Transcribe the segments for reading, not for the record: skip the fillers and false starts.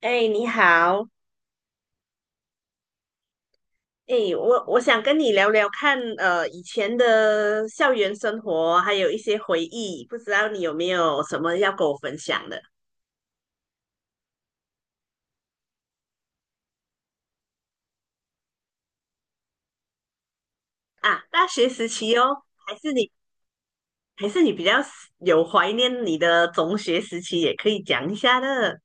哎，你好。哎，我想跟你聊聊看，以前的校园生活，还有一些回忆，不知道你有没有什么要跟我分享的。啊？大学时期哦，还是你比较有怀念你的中学时期，也可以讲一下的。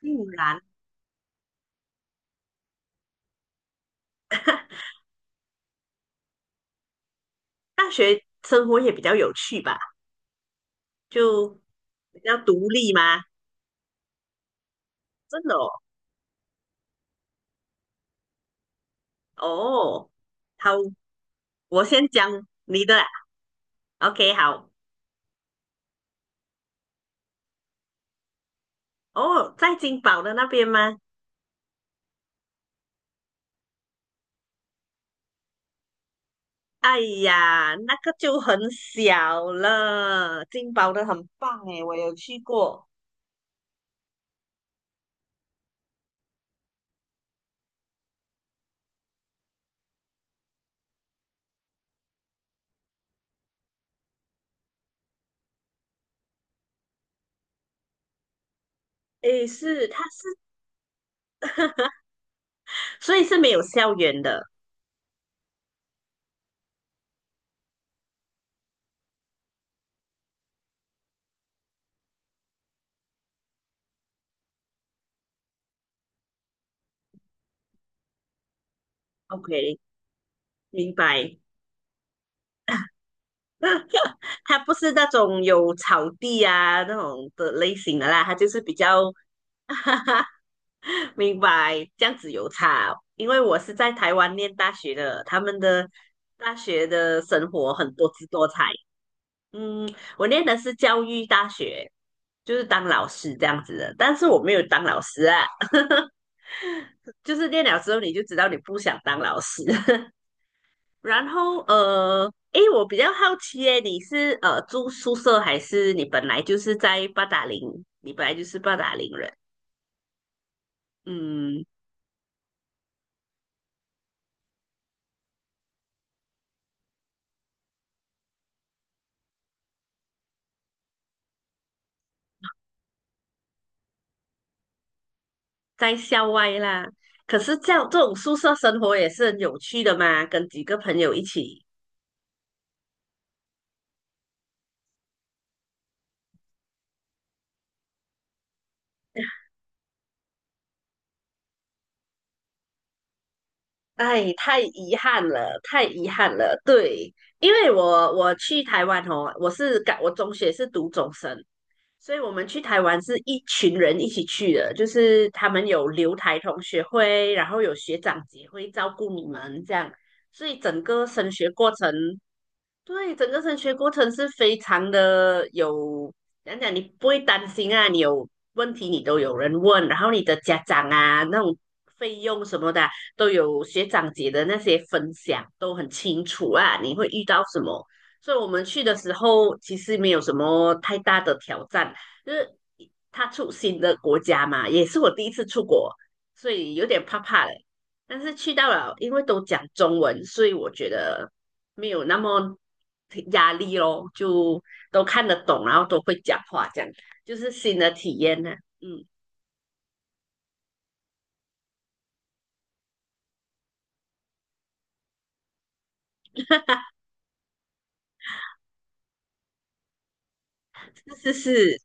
不然生活也比较有趣吧，就比较独立嘛。真的哦。哦，好，我先讲你的啊，OK，好。哦，在金宝的那边吗？哎呀，那个就很小了，金宝的很棒诶，我有去过。诶，是，它是，所以是没有校园的。OK，明白。它不是那种有草地啊那种的类型的啦，它就是比较，哈哈，明白，这样子有差哦。因为我是在台湾念大学的，他们的大学的生活很多姿多彩。嗯，我念的是教育大学，就是当老师这样子的，但是我没有当老师啊，就是念了之后你就知道你不想当老师。然后诶，我比较好奇诶，你是住宿舍还是你本来就是在八达岭？你本来就是八达岭人，嗯，在校外啦。可是这样这种宿舍生活也是很有趣的嘛，跟几个朋友一起。哎，太遗憾了，太遗憾了。对，因为我去台湾哦，我是感我中学是读中生，所以我们去台湾是一群人一起去的，就是他们有留台同学会，然后有学长姐会照顾你们这样，所以整个升学过程对，整个升学过程是非常的有，讲讲你不会担心啊，你有问题你都有人问，然后你的家长啊那种费用什么的啊都有学长姐的那些分享都很清楚啊，你会遇到什么？所以我们去的时候其实没有什么太大的挑战，就是他出新的国家嘛，也是我第一次出国，所以有点怕怕嘞。但是去到了，因为都讲中文，所以我觉得没有那么压力咯，就都看得懂，然后都会讲话，这样就是新的体验呢。嗯，是是是，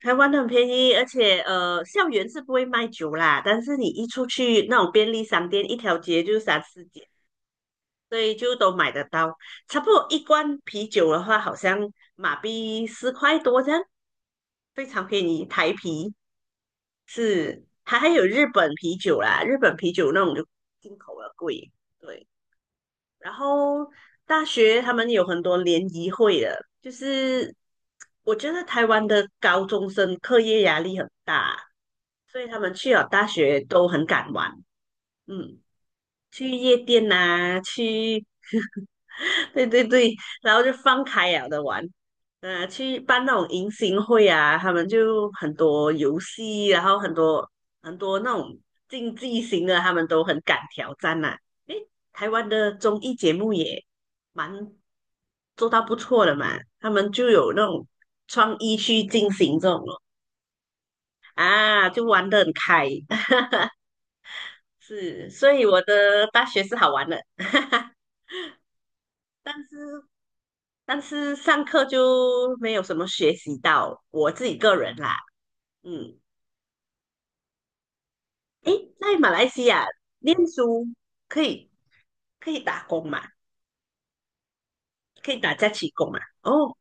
台湾很便宜。而且校园是不会卖酒啦，但是你一出去那种便利商店，一条街就三四间，所以就都买得到。差不多一罐啤酒的话，好像马币四块多这样，非常便宜。台啤是，还有日本啤酒啦，日本啤酒那种就进口的贵，对。然后大学他们有很多联谊会的，就是我觉得台湾的高中生课业压力很大，所以他们去了大学都很敢玩。嗯，去夜店呐、去，对对对，然后就放开了的玩。去办那种迎新会啊，他们就很多游戏，然后很多那种竞技型的，他们都很敢挑战呐、诶，台湾的综艺节目也蛮做到不错的嘛，他们就有那种创意去进行这种咯。啊，就玩得很开，是，所以我的大学是好玩的。但是上课就没有什么学习到，我自己个人啦。嗯，诶，在马来西亚念书可以打工嘛？可以打假期工嘛？哦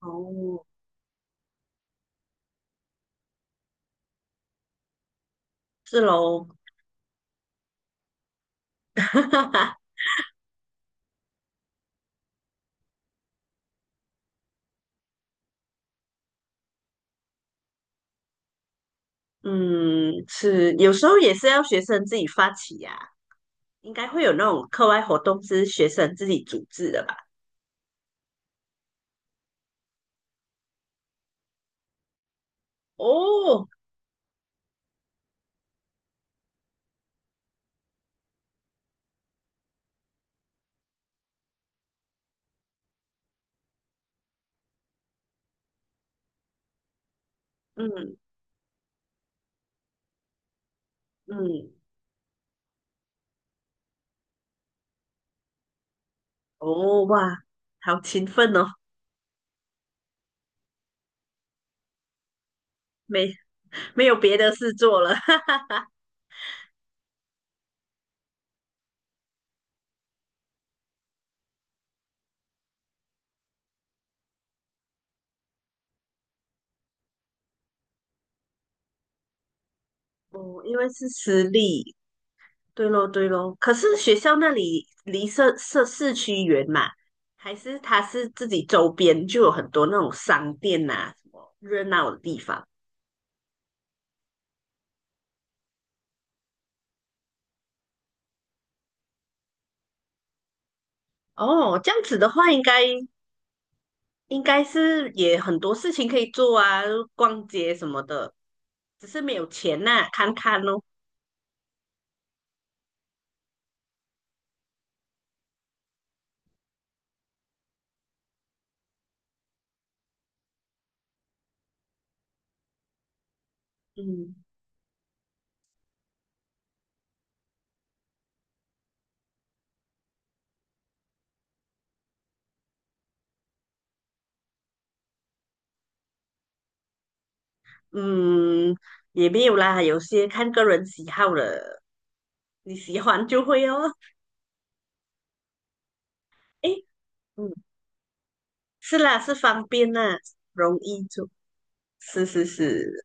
哦，是喽。嗯，是，有时候也是要学生自己发起呀、应该会有那种课外活动是学生自己组织的吧？哦，嗯嗯，哦哇，好勤奋哦，没没有别的事做了。哦，因为是私立，对咯对咯。可是学校那里离社市区远嘛，还是它是自己周边就有很多那种商店呐、什么热闹的地方。哦，这样子的话，应该是也很多事情可以做啊，逛街什么的，只是没有钱呐、看看咯。嗯嗯，也没有啦，有些看个人喜好了，你喜欢就会哦。诶。嗯，是啦，是方便啦，容易做。是是是，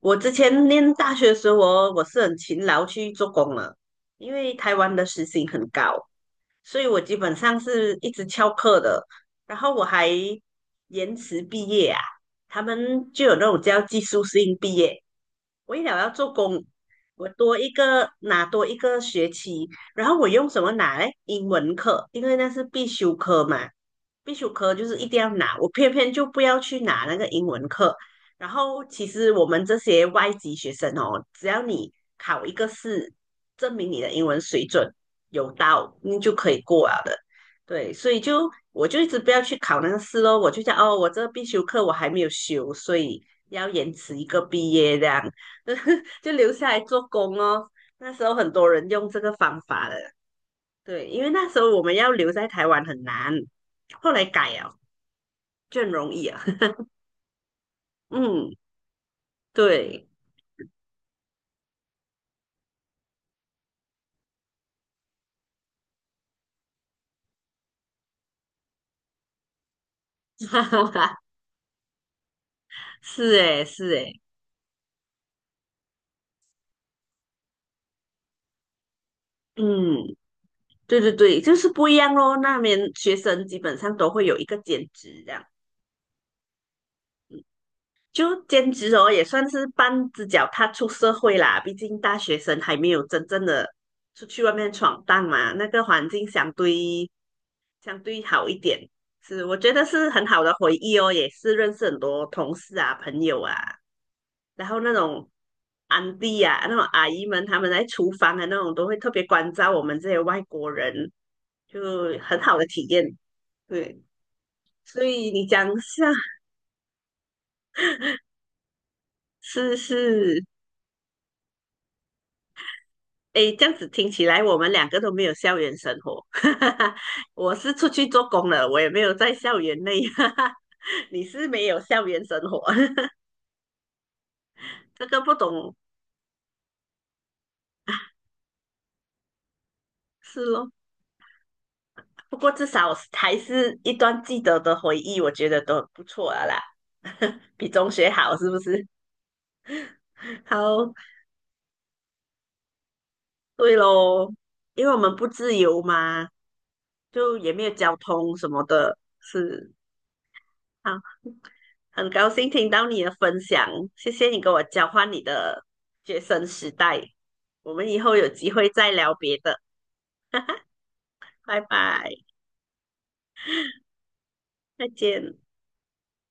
我之前念大学的时候我是很勤劳去做工了，因为台湾的时薪很高，所以我基本上是一直翘课的。然后我还延迟毕业啊，他们就有那种叫技术性毕业，为了要做工，我多一个拿多一个学期，然后我用什么拿嘞？英文课，因为那是必修课嘛，必修课就是一定要拿，我偏偏就不要去拿那个英文课。然后其实我们这些外籍学生哦，只要你考一个试，证明你的英文水准有到，你就可以过了的。对，所以就我就一直不要去考那个试咯，我就想哦，我这个必修课我还没有修，所以要延迟一个毕业这样。就留下来做工哦。那时候很多人用这个方法的，对，因为那时候我们要留在台湾很难，后来改了就很容易啊。嗯，对，是诶，是诶，嗯，对对对，就是不一样咯。那边学生基本上都会有一个兼职，这样就兼职哦，也算是半只脚踏出社会啦。毕竟大学生还没有真正的出去外面闯荡嘛，那个环境相对相对好一点，是我觉得是很好的回忆哦，也是认识很多同事啊、朋友啊，然后那种安迪啊、那种阿姨们，他们在厨房的那种都会特别关照我们这些外国人，就很好的体验。对，所以你讲一下是是，诶，这样子听起来我们两个都没有校园生活。我是出去做工了，我也没有在校园内，你是没有校园生活，这个不懂是咯。不过至少还是一段记得的回忆，我觉得都不错了啦，比中学好是不是？好，对喽，因为我们不自由嘛，就也没有交通什么的，是好，很高兴听到你的分享，谢谢你跟我交换你的学生时代，我们以后有机会再聊别的，拜拜，再见。